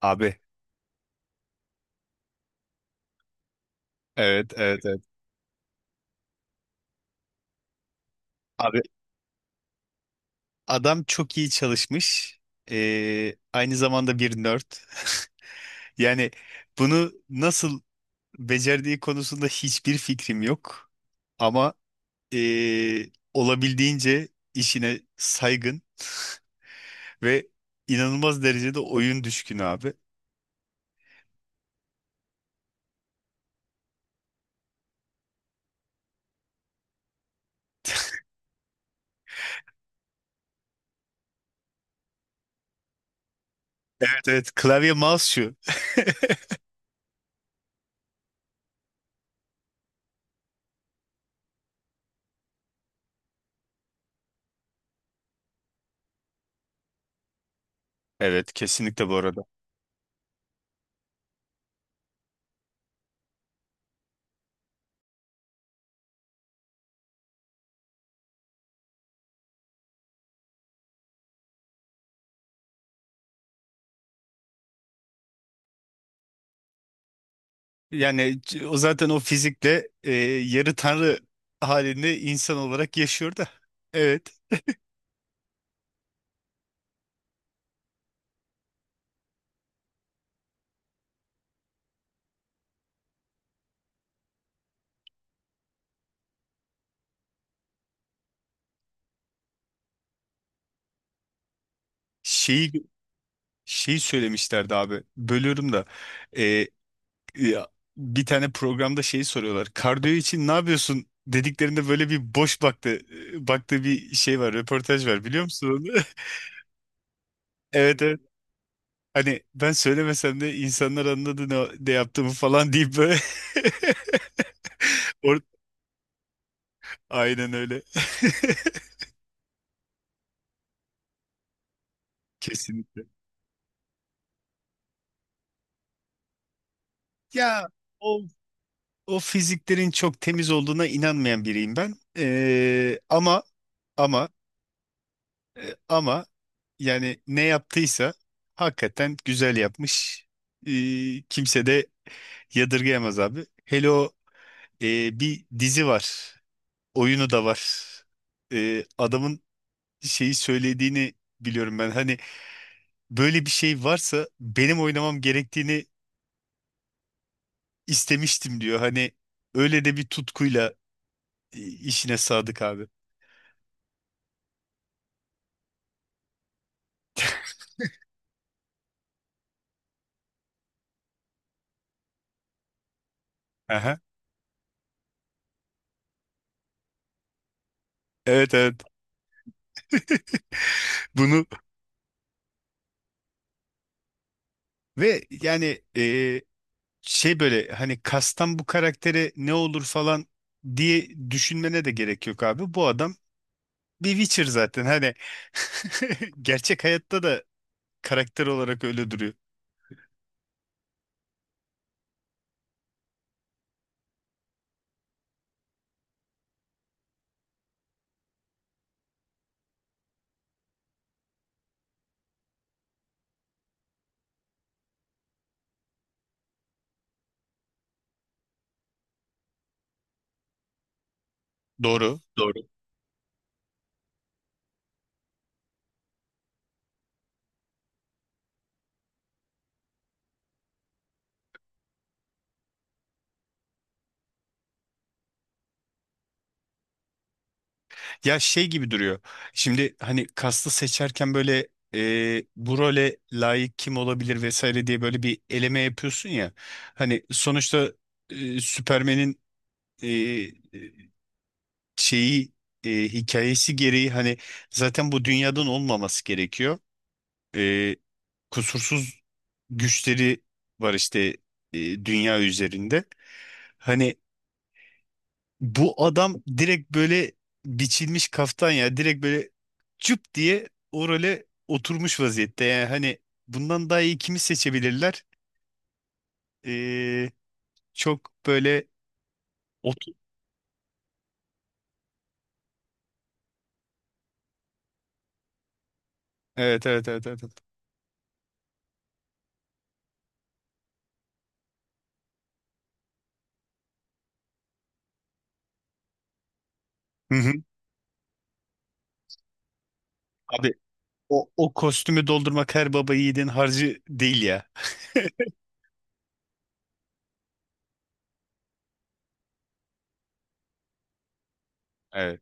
Abi. Evet, evet, evet. Abi adam çok iyi çalışmış. Aynı zamanda bir nerd. Yani bunu nasıl becerdiği konusunda hiçbir fikrim yok. Ama olabildiğince işine saygın ve inanılmaz derecede oyun düşkünü abi. Evet, evet. Klavye mouse şu. Evet, kesinlikle bu arada. O zaten o fizikle yarı tanrı halinde insan olarak yaşıyor da. Evet. şeyi Şeyi söylemişlerdi abi. Bölüyorum da. Ee, ya, Bir tane programda şeyi soruyorlar. Kardiyo için ne yapıyorsun? Dediklerinde böyle bir boş baktığı bir şey var, röportaj var biliyor musun onu? Evet evet. Hani ben söylemesem de insanlar anladı ne, ne yaptığımı falan deyip böyle Or- Aynen öyle. Kesinlikle. Ya o o fiziklerin çok temiz olduğuna inanmayan biriyim ben. Ama ama E, Ama yani ne yaptıysa hakikaten güzel yapmış. E, Kimse de yadırgayamaz abi. Hele o bir dizi var. Oyunu da var. Adamın şeyi söylediğini biliyorum ben. Hani böyle bir şey varsa benim oynamam gerektiğini istemiştim diyor. Hani öyle de bir tutkuyla işine sadık abi. Aha. Evet evet. Bunu ve şey böyle hani kastan bu karaktere ne olur falan diye düşünmene de gerek yok abi. Bu adam bir Witcher zaten. Hani gerçek hayatta da karakter olarak öyle duruyor. Doğru. Doğru. Ya şey gibi duruyor. Şimdi hani kastı seçerken böyle bu role layık kim olabilir vesaire diye böyle bir eleme yapıyorsun ya. Hani sonuçta Süpermen'in e, e, şeyi hikayesi gereği hani zaten bu dünyadan olmaması gerekiyor. E, Kusursuz güçleri var işte dünya üzerinde. Hani bu adam direkt böyle biçilmiş kaftan ya. Direkt böyle cüp diye o role oturmuş vaziyette. Yani hani bundan daha iyi kimi seçebilirler? Ee, Çok böyle otur. Evet evet evet evet. Evet. Hı hı. Abi o kostümü doldurmak her baba yiğidin harcı değil ya. Evet.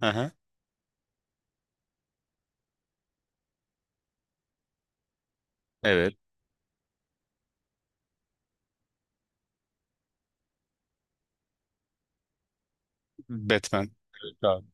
Hı. Evet. Batman. Evet abi.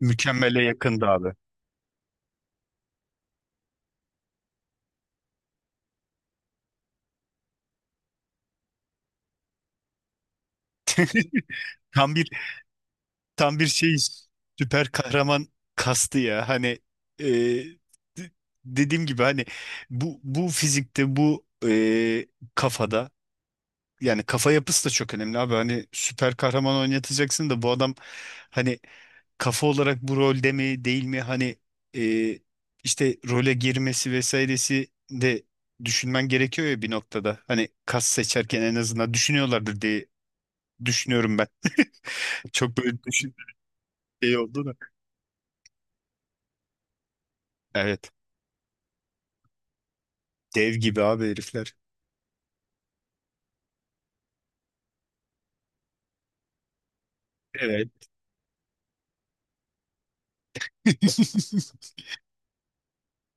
Mükemmele yakındı abi. Tam bir Tam bir süper kahraman kastı ya. Hani e, d- dediğim gibi hani bu fizikte bu kafada yani kafa yapısı da çok önemli abi. Hani süper kahraman oynatacaksın da bu adam hani kafa olarak bu rolde mi değil mi hani e, işte role girmesi vesairesi de düşünmen gerekiyor ya bir noktada. Hani kas seçerken en azından düşünüyorlardır diye düşünüyorum ben. Çok böyle düşün şey oldu da. Evet. Dev gibi abi herifler. Evet.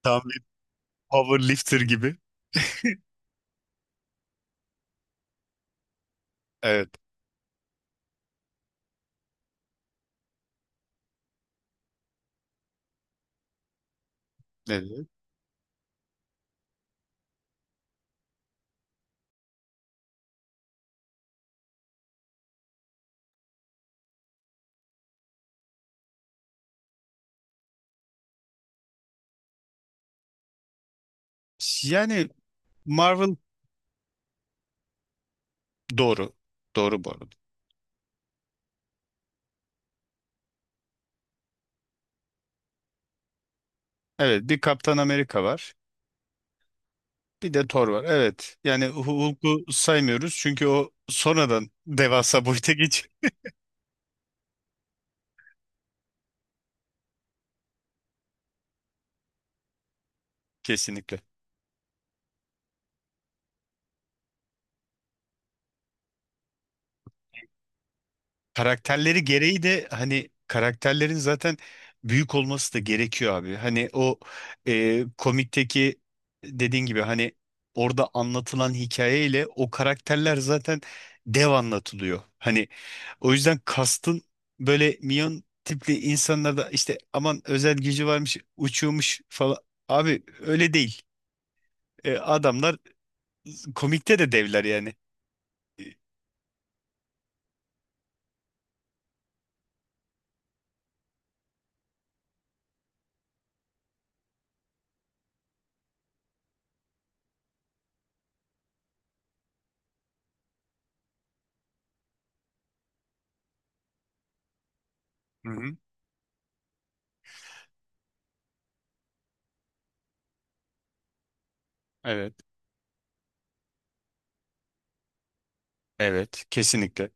Tam bir powerlifter gibi. Evet. Evet. Yani Marvel doğru. Doğru bu arada. Evet bir Kaptan Amerika var. Bir de Thor var. Evet. Yani Hulk'u saymıyoruz çünkü o sonradan devasa boyuta geçiyor. Kesinlikle. Karakterleri gereği de hani karakterlerin zaten büyük olması da gerekiyor abi. Hani o komikteki dediğin gibi hani orada anlatılan hikayeyle o karakterler zaten dev anlatılıyor. Hani o yüzden kastın böyle minyon tipli insanlarda işte aman özel gücü varmış uçuyormuş falan. Abi öyle değil. Adamlar komikte de devler yani. Hı hı. Evet. Evet. Kesinlikle.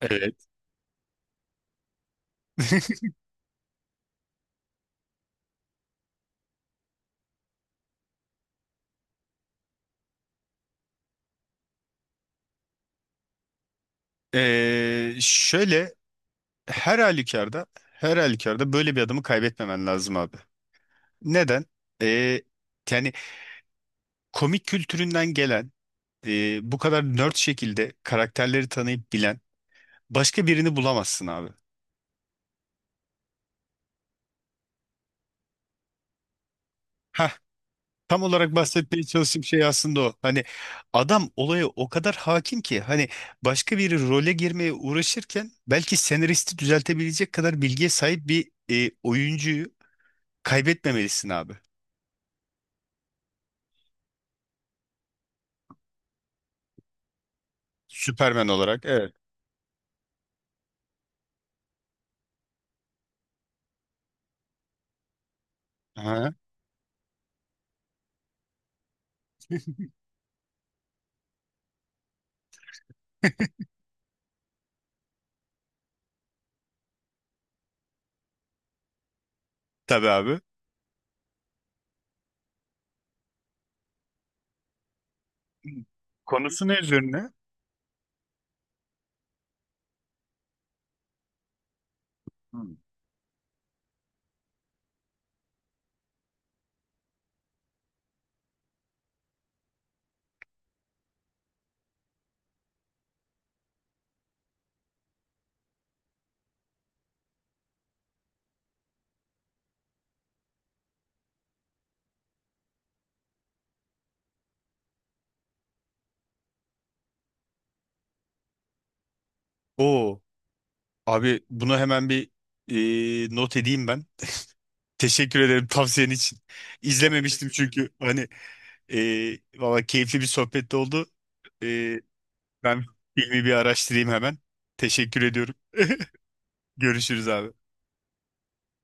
Evet. Şöyle her halükarda her halükarda böyle bir adamı kaybetmemen lazım abi. Neden? Ee, Yani komik kültüründen gelen bu kadar nerd şekilde karakterleri tanıyıp bilen başka birini bulamazsın abi. Tam olarak bahsetmeye çalıştığım şey aslında o. Hani adam olaya o kadar hakim ki hani başka bir role girmeye uğraşırken belki senaristi düzeltebilecek kadar bilgiye sahip bir oyuncuyu kaybetmemelisin abi. Süpermen olarak. Evet. Aha. Tabii abi. Konusu ne üzerine? Hı. Oo, abi bunu hemen bir not edeyim ben. Teşekkür ederim tavsiyen için. İzlememiştim çünkü hani valla keyifli bir sohbet oldu. E, Ben filmi bir araştırayım hemen. Teşekkür ediyorum. Görüşürüz abi.